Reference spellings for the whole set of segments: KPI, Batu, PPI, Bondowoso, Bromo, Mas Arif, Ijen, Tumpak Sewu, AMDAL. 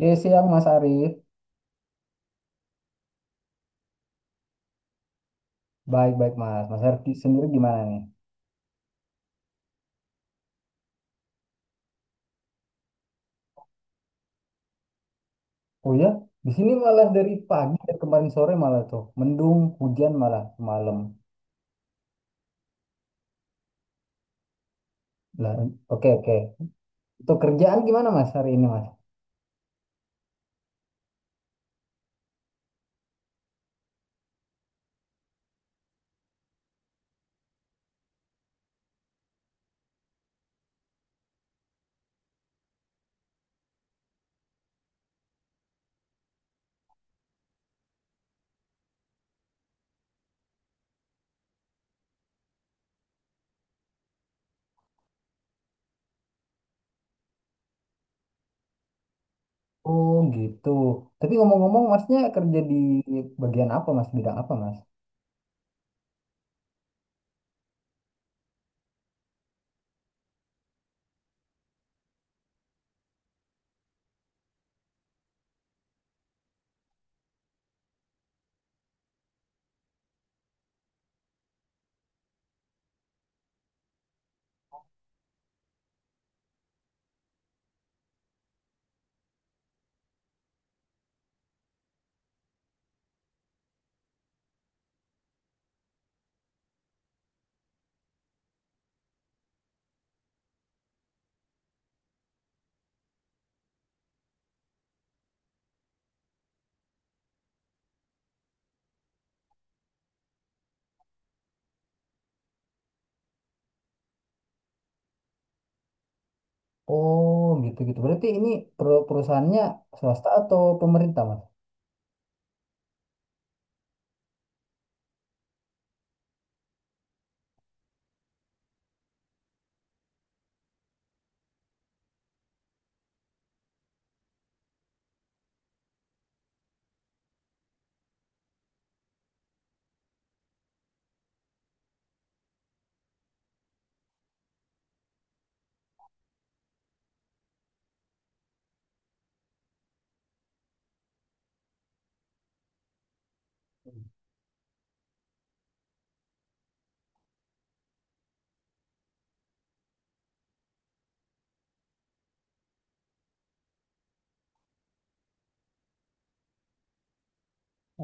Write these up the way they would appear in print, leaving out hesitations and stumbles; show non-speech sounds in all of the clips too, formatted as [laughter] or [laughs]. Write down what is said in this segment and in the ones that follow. Iya, siang Mas Arif. Baik-baik Mas. Mas Arif sendiri gimana nih? Oh ya, di sini malah dari pagi, dari kemarin sore malah tuh mendung, hujan malah malam. Lah, oke oke. Untuk kerjaan gimana Mas hari ini Mas? Oh gitu. Tapi ngomong-ngomong Masnya kerja di bagian apa Mas? Bidang apa Mas? Oh gitu gitu. Berarti ini perusahaannya swasta atau pemerintah Mas?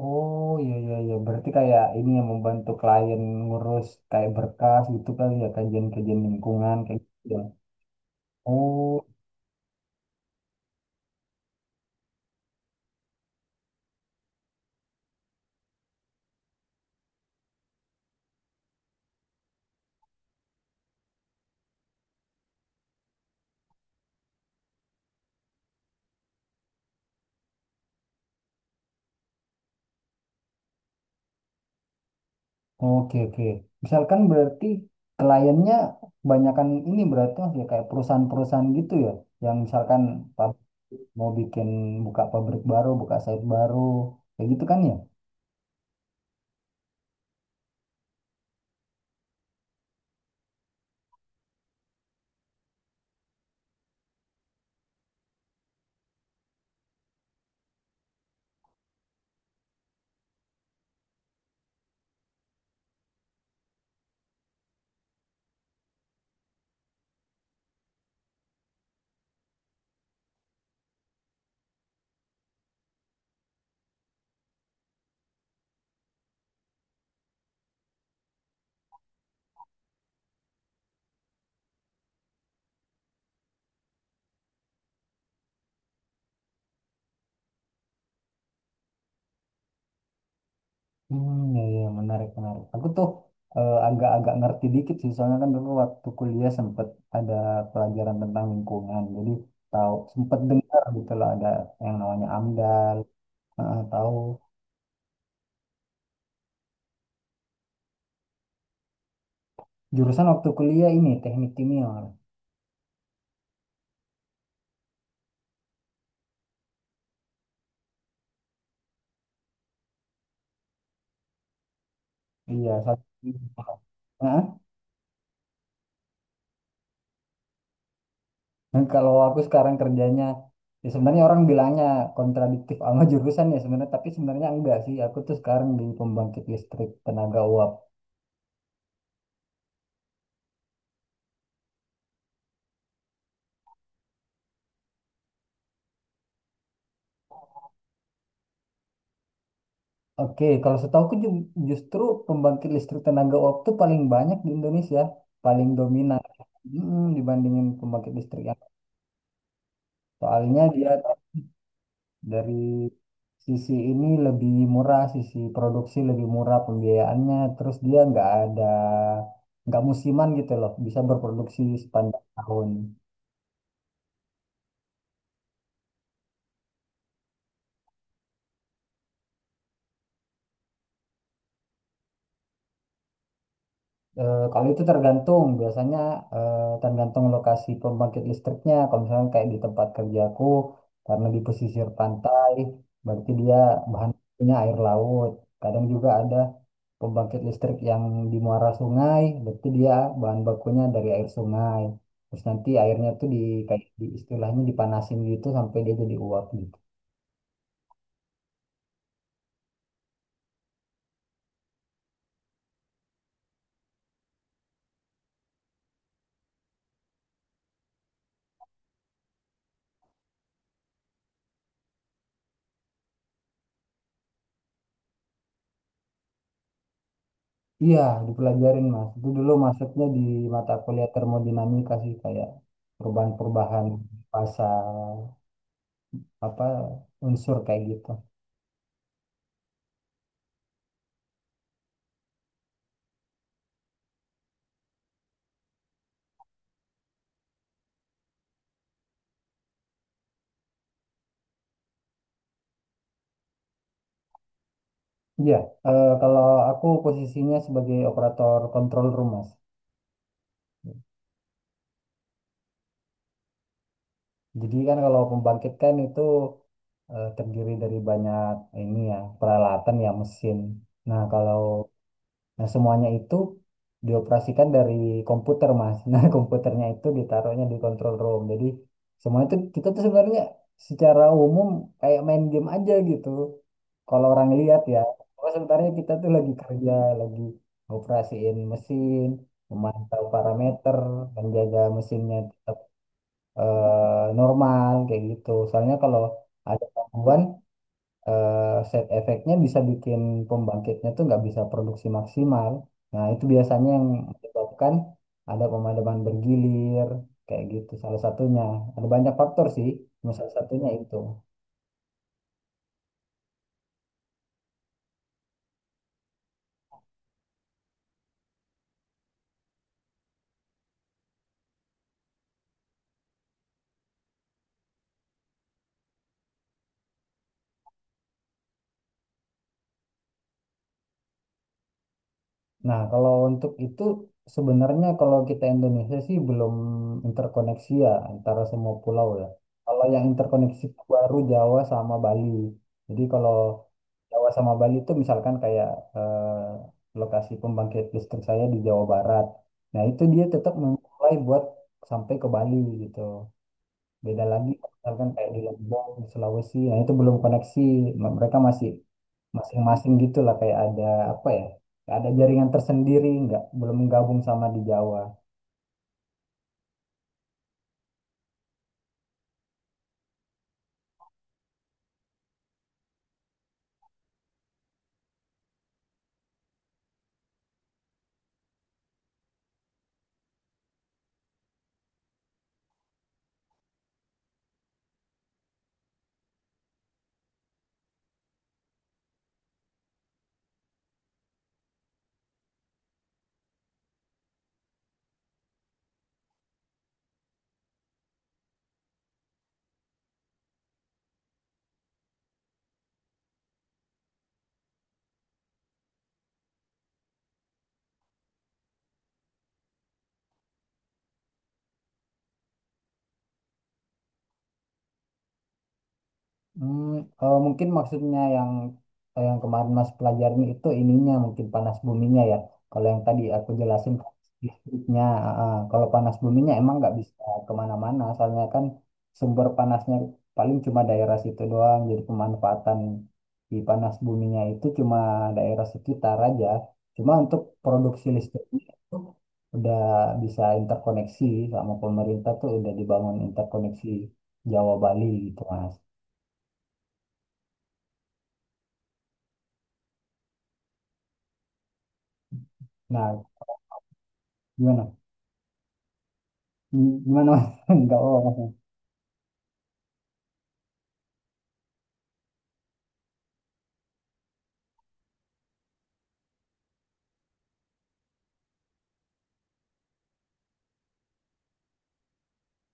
Oh iya iya iya, berarti kayak ini yang membantu klien ngurus kayak berkas gitu kali ya, kajian-kajian lingkungan kayak gitu ya. Oh oke oke. Misalkan berarti kliennya kebanyakan ini berarti Mas, ya kayak perusahaan-perusahaan gitu ya, yang misalkan pab- mau bikin buka pabrik baru, buka site baru kayak gitu kan ya? Hmm, iya, menarik, menarik. Aku tuh agak-agak ngerti dikit sih, soalnya kan dulu waktu kuliah sempet ada pelajaran tentang lingkungan, jadi tahu sempet dengar gitu loh, ada yang namanya AMDAL. Heeh, tahu. Jurusan waktu kuliah ini teknik kimia. Iya, satu. Heeh. Dan kalau aku sekarang kerjanya, ya sebenarnya orang bilangnya kontradiktif sama jurusan ya sebenarnya, tapi sebenarnya enggak sih. Aku tuh sekarang di pembangkit listrik tenaga uap. Oke, kalau setahuku justru pembangkit listrik tenaga uap itu paling banyak di Indonesia, paling dominan. Mm, dibandingin pembangkit listrik yang soalnya dia dari sisi ini lebih murah, sisi produksi lebih murah pembiayaannya, terus dia nggak ada nggak musiman gitu loh, bisa berproduksi sepanjang tahun. Kalau itu tergantung, biasanya tergantung lokasi pembangkit listriknya. Kalau misalnya kayak di tempat kerjaku, karena di pesisir pantai, berarti dia bahan bakunya air laut. Kadang juga ada pembangkit listrik yang di muara sungai, berarti dia bahan bakunya dari air sungai. Terus nanti airnya tuh di kayak di istilahnya dipanasin gitu sampai dia jadi uap. Iya, dipelajarin Mas. Itu dulu masuknya di mata kuliah termodinamika sih, kayak perubahan-perubahan pasal apa unsur kayak gitu. Iya, kalau aku posisinya sebagai operator kontrol room Mas. Jadi kan kalau pembangkit kan itu terdiri dari banyak ini ya peralatan ya mesin. Nah, kalau Nah, semuanya itu dioperasikan dari komputer, Mas. Nah, [laughs] komputernya itu ditaruhnya di control room. Jadi, semua itu kita tuh sebenarnya secara umum kayak main game aja gitu. Kalau orang lihat ya, oh sebenarnya kita tuh lagi kerja, lagi operasiin mesin, memantau parameter, menjaga mesinnya tetap normal kayak gitu. Soalnya kalau ada gangguan, side effect-nya bisa bikin pembangkitnya tuh nggak bisa produksi maksimal. Nah, itu biasanya yang menyebabkan ada pemadaman bergilir, kayak gitu salah satunya. Ada banyak faktor sih, cuma salah satunya itu. Nah, kalau untuk itu sebenarnya kalau kita Indonesia sih belum interkoneksi ya antara semua pulau ya. Kalau yang interkoneksi itu baru Jawa sama Bali. Jadi kalau Jawa sama Bali itu misalkan kayak eh, lokasi pembangkit listrik saya di Jawa Barat. Nah, itu dia tetap memulai buat sampai ke Bali gitu. Beda lagi misalkan kayak di Lombok, di Sulawesi, nah itu belum koneksi. Mereka masih masing-masing gitu lah kayak ada apa ya? Kayak ada jaringan tersendiri, nggak belum gabung sama di Jawa. Hmm, mungkin maksudnya yang yang kemarin Mas pelajarin itu ininya mungkin panas buminya ya. Kalau yang tadi aku jelasin panas listriknya, ah, ah, kalau panas buminya emang nggak bisa kemana-mana, soalnya kan sumber panasnya paling cuma daerah situ doang. Jadi pemanfaatan di panas buminya itu cuma daerah sekitar aja. Cuma untuk produksi listriknya itu udah bisa interkoneksi sama pemerintah tuh udah dibangun interkoneksi Jawa Bali gitu Mas. Nah, Gimana? Hmm, Gimana, Mas? [laughs] Enggak apa-apa.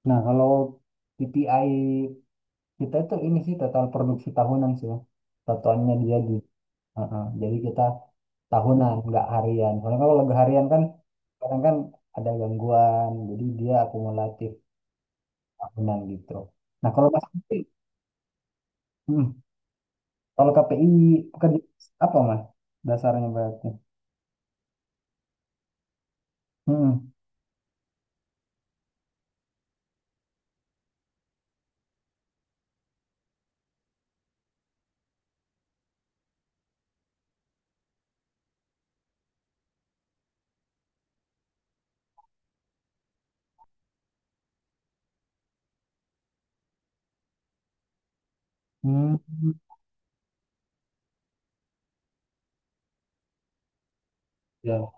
Nah, kalau PPI kita itu ini sih total produksi tahunan sih. Mas. Satuannya dia di. Heeh. Jadi kita tahunan, enggak harian. Soalnya kalau lagu harian kan kadang kan ada gangguan, jadi dia akumulatif tahunan gitu. Nah, kalau Mas Fikri, hmm, kalau KPI pekerja apa Mas? Dasarnya berarti. Hmm. Hmm. Ya.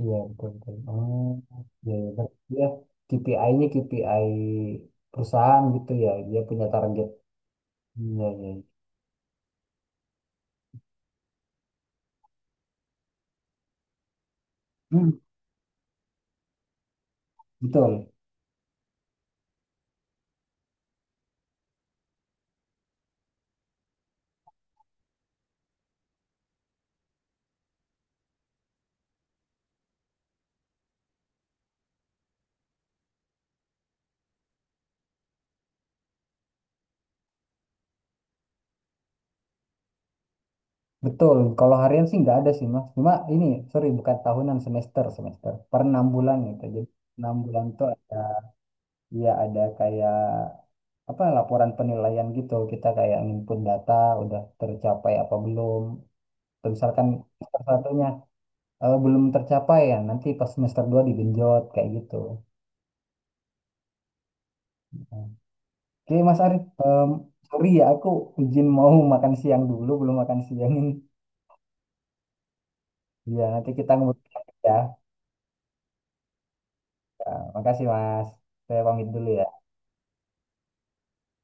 Iya, betul, betul. Oh, iya, ya. Berarti dia KPI-nya KPI perusahaan gitu ya. Dia punya target. Iya, iya, iya. Hmm, betul. Betul. Kalau harian sih nggak ada sih, Mas. Cuma ini, sorry, bukan tahunan, semester, semester. Per 6 bulan gitu. Jadi 6 bulan tuh ada, ya ada kayak apa laporan penilaian gitu. Kita kayak nginput data, udah tercapai apa belum. Terus misalkan semester satunya belum tercapai ya, nanti pas semester dua digenjot kayak gitu. Oke, Mas Arif, em, sorry ya, aku izin mau makan siang dulu, belum makan siang ini. Ya, nanti kita ngobrol lagi ya. Ya, makasih Mas. Saya pamit dulu ya.